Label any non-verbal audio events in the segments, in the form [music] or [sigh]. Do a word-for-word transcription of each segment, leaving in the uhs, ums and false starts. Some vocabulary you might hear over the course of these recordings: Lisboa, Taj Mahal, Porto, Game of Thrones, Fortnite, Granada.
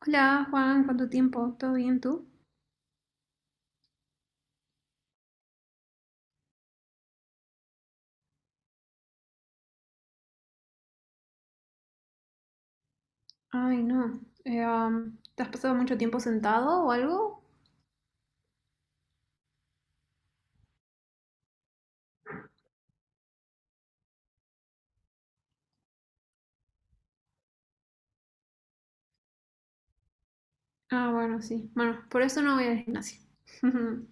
Hola Juan, ¿cuánto tiempo? ¿Todo bien tú? Ay, no. Eh, am, ¿te has pasado mucho tiempo sentado o algo? Ah, bueno, sí. Bueno, por eso no voy al gimnasio. [laughs]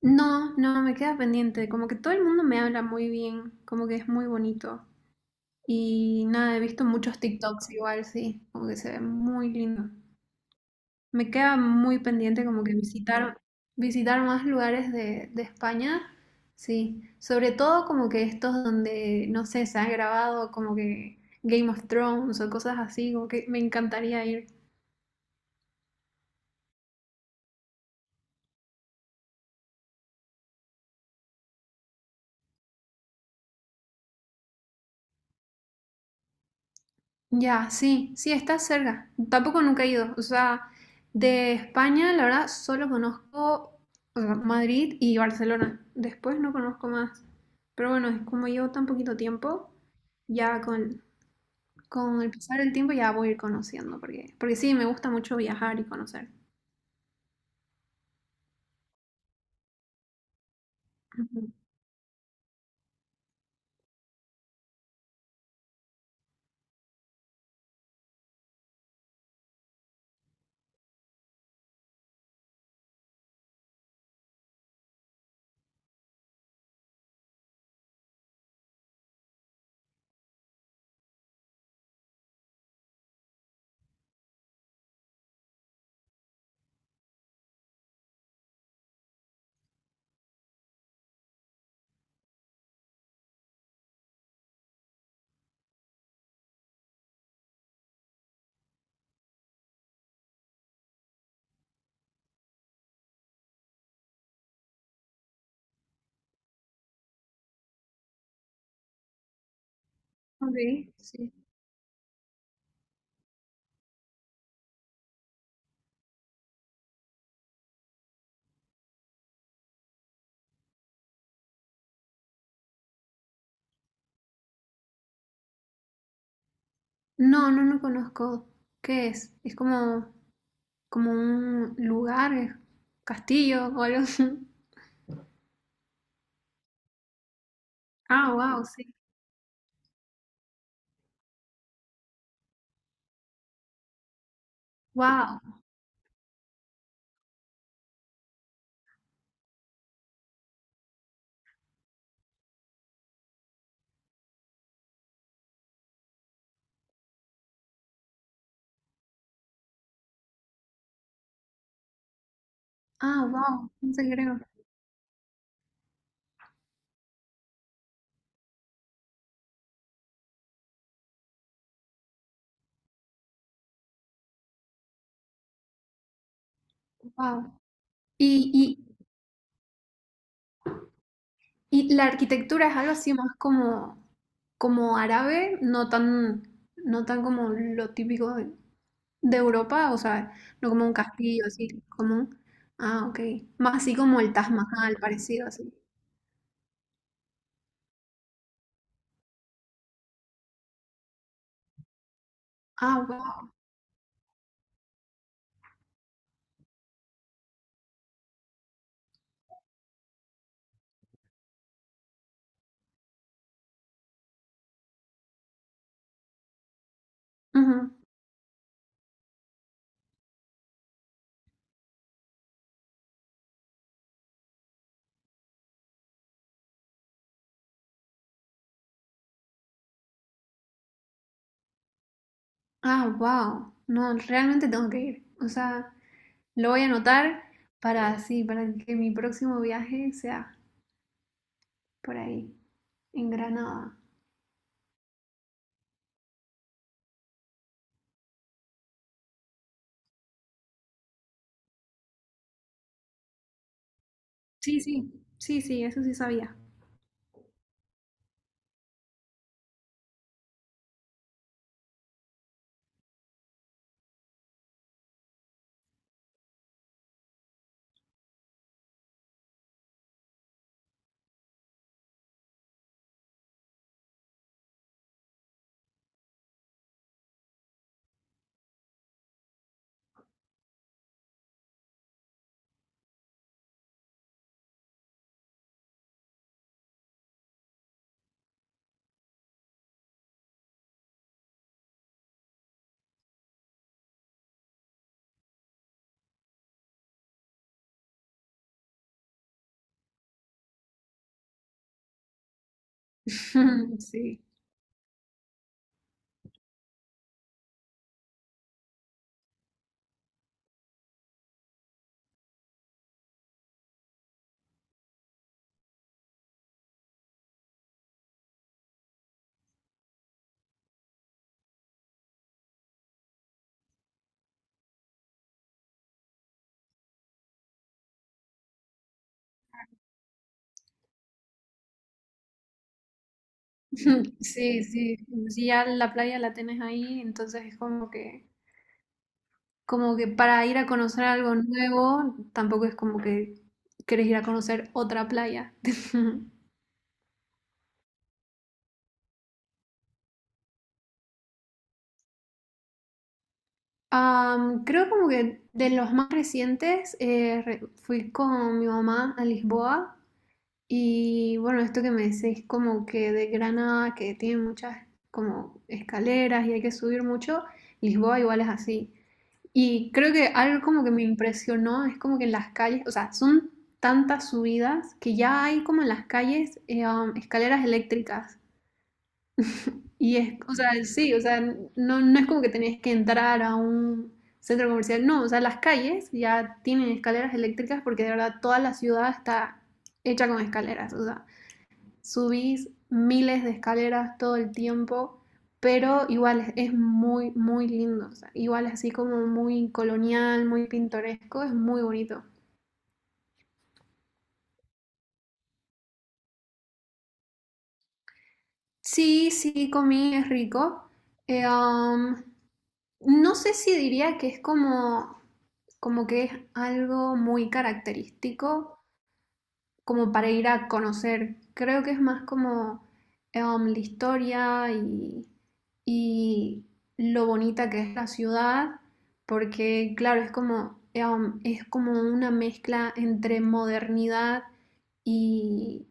No, no, me queda pendiente. Como que todo el mundo me habla muy bien, como que es muy bonito. Y nada, he visto muchos TikToks igual, sí, como que se ve muy lindo. Me queda muy pendiente como que visitar, visitar más lugares de, de España, sí. Sobre todo como que estos donde, no sé, se ha grabado como que Game of Thrones o cosas así, como que me encantaría ir. Ya, sí, sí, está cerca. Tampoco nunca he ido. O sea, de España, la verdad, solo conozco, o sea, Madrid y Barcelona. Después no conozco más. Pero bueno, es como llevo tan poquito tiempo, ya con. Con el pasar del tiempo ya voy a ir conociendo, porque, porque sí, me gusta mucho viajar y conocer. Ujú. Ok, sí. No, no, no conozco. ¿Qué es? Es como, como un lugar, es castillo o algo así. [laughs] Ah, wow, sí. Wow. Ah, wow. No sé qué creo. Wow. Y, y, y la arquitectura es algo así más como, como árabe, no tan, no tan como lo típico de De Europa, o sea, no como un castillo, así como... un- Ah, ok. Más así como el Taj Mahal, parecido así. Ah, wow. Ujú. Ah, wow. No, realmente tengo que ir. O sea, lo voy a anotar para así, para que mi próximo viaje sea por ahí, en Granada. Sí, sí, sí, sí, eso sí sabía. [laughs] Sí. [laughs] Sí, sí, sí, ya la playa la tenés ahí, entonces es como que. Como que para ir a conocer algo nuevo, tampoco es como que querés ir a conocer otra playa. [laughs] Am, creo como que de los más recientes eh, re- fui con mi mamá a Lisboa y bueno, esto que me decís como que de Granada, que tiene muchas como escaleras y hay que subir mucho, Lisboa igual es así. Y creo que algo como que me impresionó es como que en las calles, o sea, son tantas subidas que ya hay como en las calles eh, um, escaleras eléctricas. Y es, o sea, sí, o sea, no, no es como que tenés que entrar a un centro comercial, no, o sea, las calles ya tienen escaleras eléctricas porque de verdad toda la ciudad está hecha con escaleras, o sea, subís miles de escaleras todo el tiempo, pero igual es, muy, muy lindo. O sea, igual así como muy colonial, muy pintoresco, es muy bonito. Sí, sí, comí, es rico. Eh, um, no sé si diría que es como, como que es algo muy característico, como para ir a conocer. Creo que es más como em, la historia y, y lo bonita que es la ciudad, porque claro, es como, em, es como una mezcla entre modernidad y,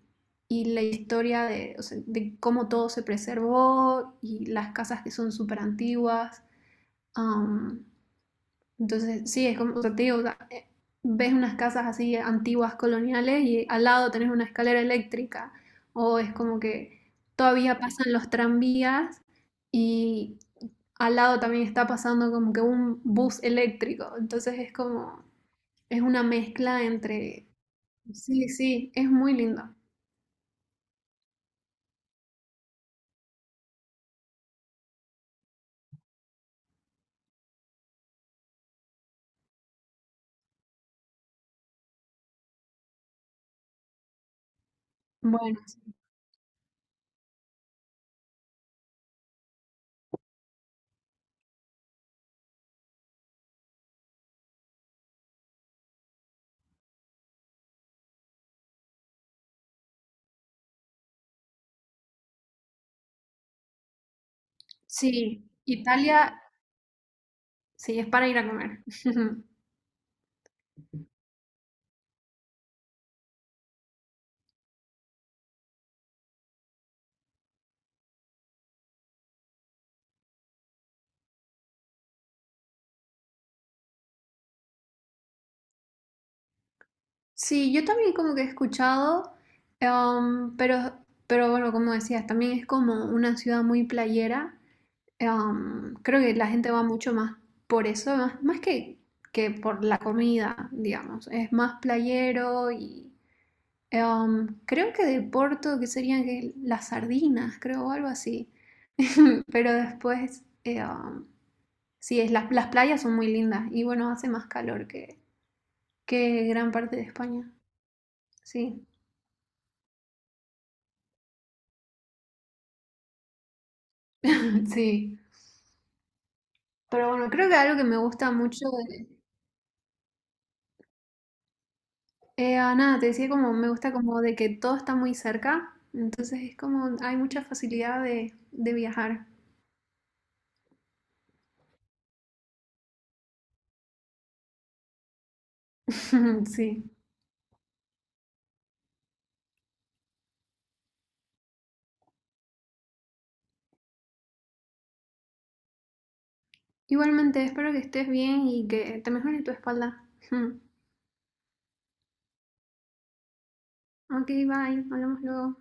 y la historia de, o sea, de cómo todo se preservó y las casas que son súper antiguas. Entonces, sí, es como o sea, te digo, o sea, eh, ves unas casas así antiguas, coloniales, y al lado tenés una escalera eléctrica, o es como que todavía pasan los tranvías y al lado también está pasando como que un bus eléctrico, entonces es como, es una mezcla entre, sí, sí, es muy lindo. Bueno, sí, Italia, sí, es para ir a comer. [laughs] Sí, yo también como que he escuchado, em, pero, pero bueno, como decías, también es como una ciudad muy playera. em, creo que la gente va mucho más por eso, más, más que, que por la comida, digamos. Es más playero y em, creo que de Porto, que serían que las sardinas, creo, o algo así. [laughs] Pero después, eh, um, sí, es, las, las playas son muy lindas y bueno, hace más calor que, que gran parte de España. Sí, [laughs] sí. Pero bueno, creo que algo que me gusta mucho de... Eh, ah, nada, te decía como me gusta como de que todo está muy cerca, entonces es como hay mucha facilidad de, de viajar. [laughs] Sí. Igualmente, espero que estés bien y que te mejore tu espalda. [laughs] Ok, bye, hablamos luego.